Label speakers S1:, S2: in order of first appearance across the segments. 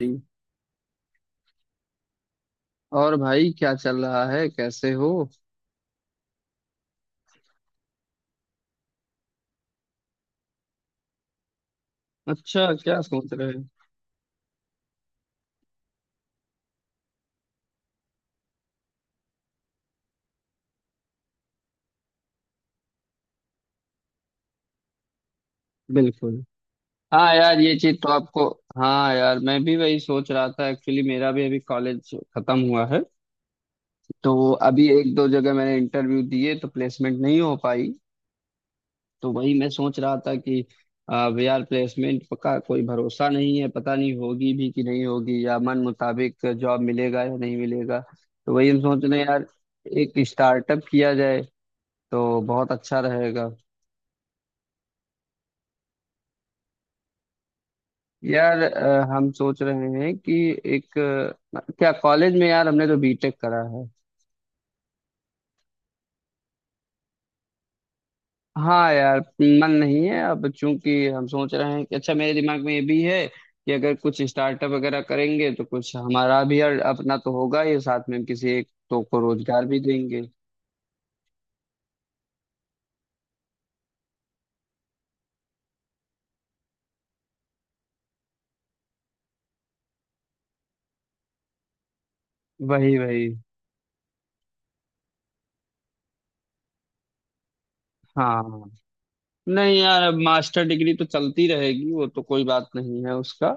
S1: जी। और भाई क्या चल रहा है, कैसे हो? अच्छा, क्या सोच रहे हैं? बिल्कुल। हाँ यार, ये चीज तो आपको। हाँ यार, मैं भी वही सोच रहा था। एक्चुअली मेरा भी अभी कॉलेज खत्म हुआ है। तो अभी एक दो जगह मैंने इंटरव्यू दिए, तो प्लेसमेंट नहीं हो पाई। तो वही मैं सोच रहा था कि अब यार प्लेसमेंट का कोई भरोसा नहीं है, पता नहीं होगी भी कि नहीं होगी, या मन मुताबिक जॉब मिलेगा या नहीं मिलेगा। तो वही हम सोच रहे हैं यार। एक स्टार्टअप किया जाए तो बहुत अच्छा रहेगा। यार हम सोच रहे हैं कि एक क्या कॉलेज में यार, हमने तो बीटेक करा है। हाँ यार, मन नहीं है। अब चूंकि हम सोच रहे हैं कि अच्छा, मेरे दिमाग में ये भी है कि अगर कुछ स्टार्टअप वगैरह करेंगे तो कुछ हमारा भी यार अपना तो होगा, ये साथ में हम किसी एक तो को रोजगार भी देंगे। वही वही। हाँ। नहीं यार, अब मास्टर डिग्री तो चलती रहेगी, वो तो कोई बात नहीं है उसका।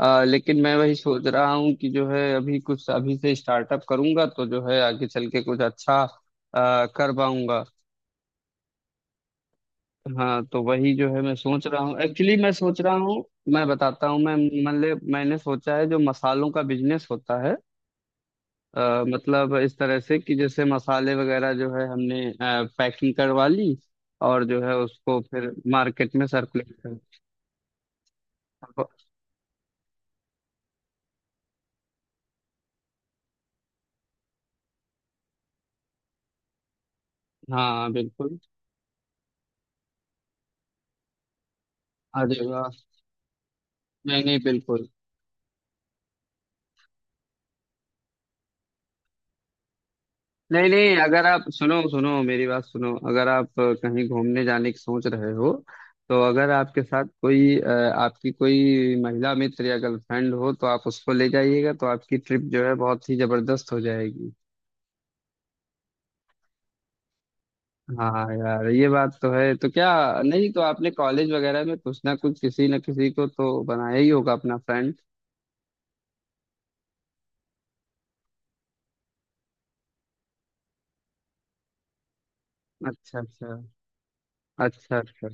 S1: लेकिन मैं वही सोच रहा हूँ कि जो है अभी कुछ अभी से स्टार्टअप करूंगा तो जो है आगे चल के कुछ अच्छा कर पाऊंगा। हाँ तो वही जो है मैं सोच रहा हूँ। एक्चुअली मैं सोच रहा हूँ, मैं बताता हूँ। मैं मतलब मैंने सोचा है जो मसालों का बिजनेस होता है, मतलब इस तरह से कि जैसे मसाले वगैरह जो है हमने पैकिंग करवा ली और जो है उसको फिर मार्केट में सर्कुलेट कर। हाँ बिल्कुल। अरे वाह। नहीं नहीं बिल्कुल। नहीं नहीं, अगर आप सुनो सुनो मेरी बात सुनो, अगर आप कहीं घूमने जाने की सोच रहे हो, तो अगर आपके साथ कोई आपकी कोई महिला मित्र या गर्लफ्रेंड हो तो आप उसको ले जाइएगा, तो आपकी ट्रिप जो है बहुत ही जबरदस्त हो जाएगी। हाँ यार ये बात तो है, तो क्या। नहीं तो आपने कॉलेज वगैरह में कुछ ना कुछ किसी ना किसी को तो बनाया ही होगा अपना फ्रेंड। अच्छा अच्छा। अच्छा अच्छा।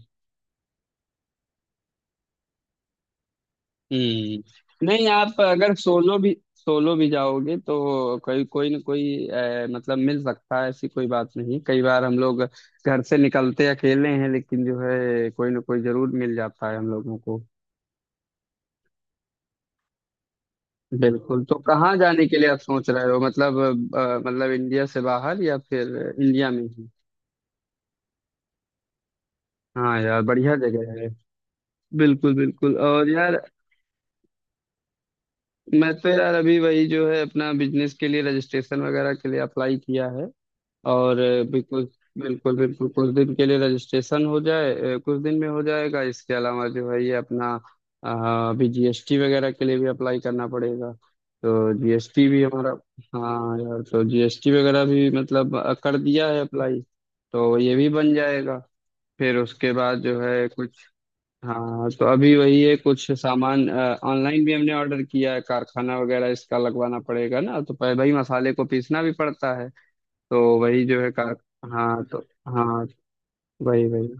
S1: हम्म, नहीं, आप अगर सोलो भी, सोलो भी जाओगे तो कोई कोई ना कोई मतलब मिल सकता है, ऐसी कोई बात नहीं। कई बार हम लोग घर से निकलते अकेले हैं, लेकिन जो है कोई ना कोई जरूर मिल जाता है हम लोगों को। बिल्कुल, तो कहाँ जाने के लिए आप सोच रहे हो, मतलब इंडिया से बाहर या फिर इंडिया में ही? हाँ यार बढ़िया जगह है। बिल्कुल बिल्कुल। और यार, मैं तो यार अभी वही जो है अपना बिजनेस के लिए रजिस्ट्रेशन वगैरह के लिए अप्लाई किया है, और बिल्कुल बिल्कुल। बिल्कुल कुछ दिन के लिए रजिस्ट्रेशन हो जाए, कुछ दिन में हो जाएगा। इसके अलावा जो है ये अपना अभी जीएसटी वगैरह के लिए भी अप्लाई करना पड़ेगा। तो जीएसटी भी हमारा, हाँ यार, तो जीएसटी वगैरह भी मतलब कर दिया है अप्लाई। तो ये भी बन जाएगा। फिर उसके बाद जो है कुछ, हाँ, तो अभी वही है। कुछ सामान ऑनलाइन भी हमने ऑर्डर किया है, कारखाना वगैरह इसका लगवाना पड़ेगा ना, तो पहले भाई मसाले को पीसना भी पड़ता है। तो वही जो है का, हाँ तो हाँ वही वही।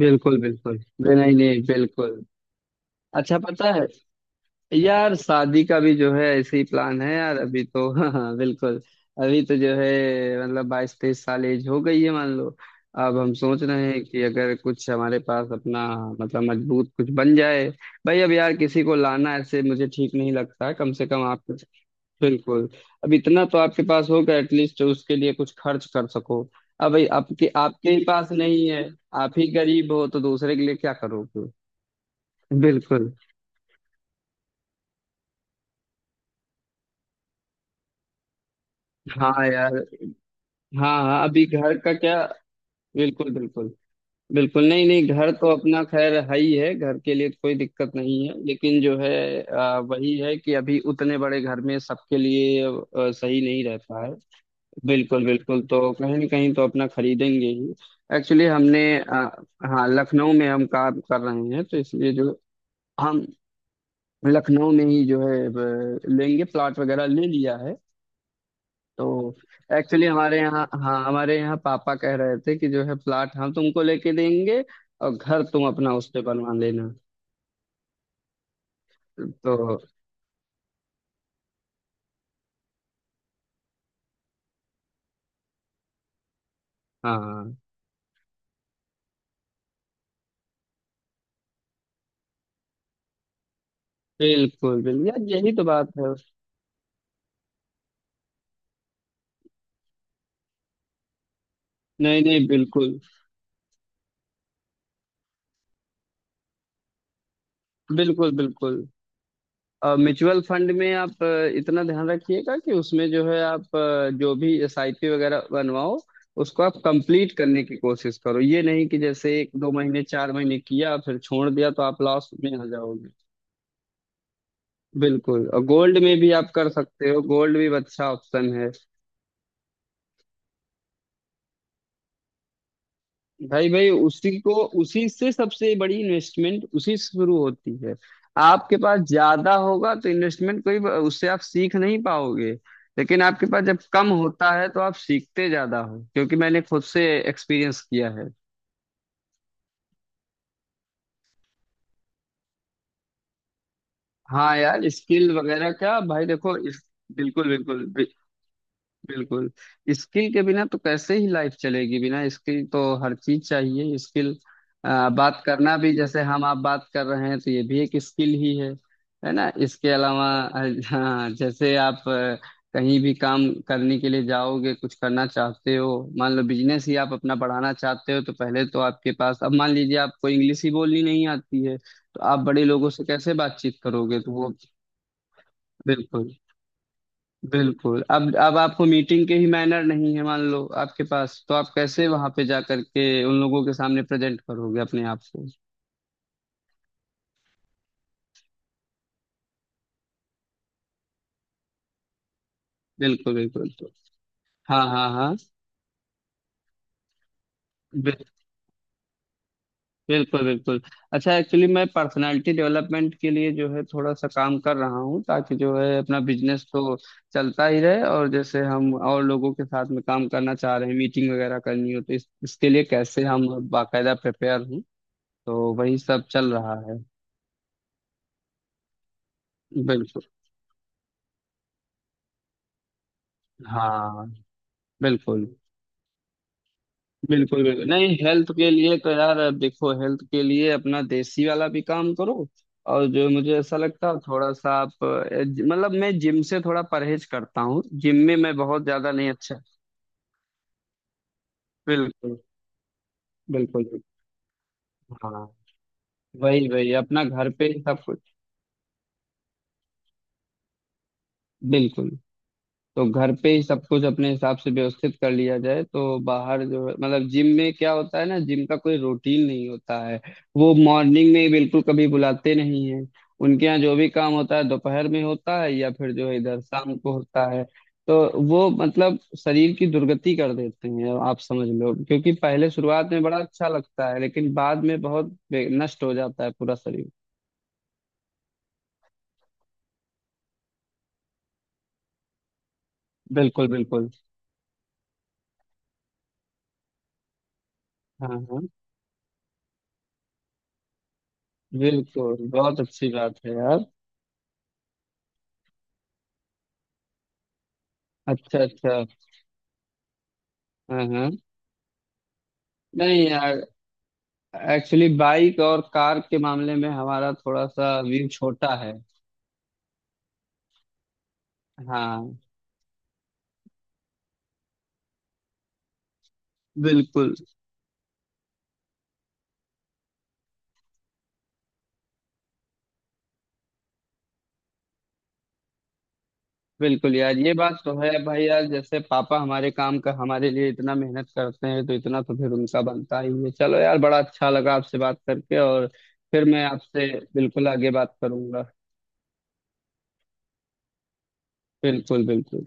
S1: बिल्कुल बिल्कुल। नहीं नहीं नहीं, बिल्कुल। अच्छा पता है यार, शादी का भी जो है ऐसे ही प्लान है यार, अभी तो हाँ हाँ बिल्कुल। अभी तो जो है मतलब बाईस तेईस साल एज हो गई है मान लो। अब हम सोच रहे हैं कि अगर कुछ हमारे पास अपना मतलब मजबूत कुछ बन जाए। भाई अब यार किसी को लाना ऐसे मुझे ठीक नहीं लगता है, कम से कम आप बिल्कुल। अब इतना तो आपके पास होगा एटलीस्ट, उसके लिए कुछ खर्च कर सको। अब भाई आपके आपके ही पास नहीं है, आप ही गरीब हो तो दूसरे के लिए क्या करोगे। बिल्कुल। हाँ यार। हाँ हाँ, अभी घर का क्या। बिल्कुल बिल्कुल। बिल्कुल नहीं नहीं, घर तो अपना खैर है ही है, घर के लिए कोई दिक्कत नहीं है, लेकिन जो है वही है कि अभी उतने बड़े घर में सबके लिए सही नहीं रहता है। बिल्कुल बिल्कुल, तो कहीं ना कहीं तो अपना खरीदेंगे ही। एक्चुअली हमने हाँ, लखनऊ में हम काम कर रहे हैं तो इसलिए जो हम लखनऊ में ही जो है लेंगे, प्लॉट वगैरह ले लिया है। तो एक्चुअली हमारे यहाँ, हाँ, हमारे यहाँ पापा कह रहे थे कि जो है प्लॉट हम तुमको लेके देंगे, और घर तुम अपना उस पे बनवा लेना। तो हाँ बिल्कुल बिल्कुल यार, यही तो बात है। नहीं नहीं बिल्कुल। बिल्कुल बिल्कुल। म्यूचुअल फंड में आप इतना ध्यान रखिएगा कि उसमें जो है आप जो भी एसआईपी वगैरह बनवाओ, उसको आप कंप्लीट करने की कोशिश करो। ये नहीं कि जैसे एक दो महीने, चार महीने किया फिर छोड़ दिया, तो आप लॉस में आ जाओगे। बिल्कुल, और गोल्ड में भी आप कर सकते हो, गोल्ड भी एक अच्छा ऑप्शन है। भाई भाई उसी को, उसी से सबसे बड़ी इन्वेस्टमेंट उसी से शुरू होती है। आपके पास ज्यादा होगा तो इन्वेस्टमेंट कोई, उससे आप सीख नहीं पाओगे। लेकिन आपके पास जब कम होता है तो आप सीखते ज्यादा हो, क्योंकि मैंने खुद से एक्सपीरियंस किया है। हाँ यार, स्किल वगैरह का भाई देखो इस, बिल्कुल बिल्कुल। बिल्कुल, स्किल के बिना तो कैसे ही लाइफ चलेगी, बिना स्किल तो, हर चीज चाहिए स्किल। बात करना भी, जैसे हम आप बात कर रहे हैं तो ये भी एक स्किल ही है ना। इसके अलावा हाँ, जैसे आप कहीं भी काम करने के लिए जाओगे, कुछ करना चाहते हो, मान लो बिजनेस ही आप अपना बढ़ाना चाहते हो, तो पहले तो आपके पास, अब मान लीजिए आपको इंग्लिश ही बोलनी नहीं आती है तो आप बड़े लोगों से कैसे बातचीत करोगे, तो वो बिल्कुल बिल्कुल। अब आपको मीटिंग के ही मैनर नहीं है मान लो आपके पास, तो आप कैसे वहां पे जा करके उन लोगों के सामने प्रेजेंट करोगे अपने आप को। बिल्कुल बिल्कुल हाँ हाँ हाँ। बिल- बिल्कुल बिल्कुल। अच्छा, एक्चुअली मैं पर्सनालिटी डेवलपमेंट के लिए जो है थोड़ा सा काम कर रहा हूँ, ताकि जो है अपना बिजनेस तो चलता ही रहे, और जैसे हम और लोगों के साथ में काम करना चाह रहे हैं, मीटिंग वगैरह करनी हो, तो इसके लिए कैसे हम बाकायदा प्रिपेयर हूँ। तो वही सब चल रहा है। बिल्कुल। हाँ। बिल्कुल बिल्कुल। बिल्कुल नहीं, हेल्थ के लिए तो यार अब देखो, हेल्थ के लिए अपना देसी वाला भी काम करो, और जो मुझे ऐसा लगता है, थोड़ा सा आप मतलब मैं जिम से थोड़ा परहेज करता हूँ, जिम में मैं बहुत ज्यादा नहीं। अच्छा बिल्कुल बिल्कुल। बिल्कुल। हाँ वही वही, अपना घर पे ही सब कुछ। बिल्कुल, तो घर पे ही सब कुछ अपने हिसाब से व्यवस्थित कर लिया जाए, तो बाहर जो है मतलब जिम में क्या होता है ना, जिम का कोई रूटीन नहीं होता है। वो मॉर्निंग में ही बिल्कुल कभी बुलाते नहीं है, उनके यहाँ जो भी काम होता है दोपहर में होता है या फिर जो है इधर शाम को होता है। तो वो मतलब शरीर की दुर्गति कर देते हैं, आप समझ लो, क्योंकि पहले शुरुआत में बड़ा अच्छा लगता है, लेकिन बाद में बहुत नष्ट हो जाता है पूरा शरीर। बिल्कुल बिल्कुल। हाँ हाँ। बिल्कुल बहुत अच्छी बात है यार। अच्छा अच्छा। हाँ हाँ। नहीं यार, एक्चुअली बाइक और कार के मामले में हमारा थोड़ा सा व्यू छोटा है। हाँ। बिल्कुल। बिल्कुल यार ये बात तो है भाई, यार जैसे पापा हमारे काम का हमारे लिए इतना मेहनत करते हैं तो इतना तो फिर उनका बनता ही है। चलो यार, बड़ा अच्छा लगा आपसे बात करके, और फिर मैं आपसे बिल्कुल आगे बात करूंगा। बिल्कुल बिल्कुल।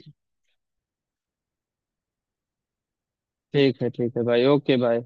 S1: ठीक है भाई, ओके भाई।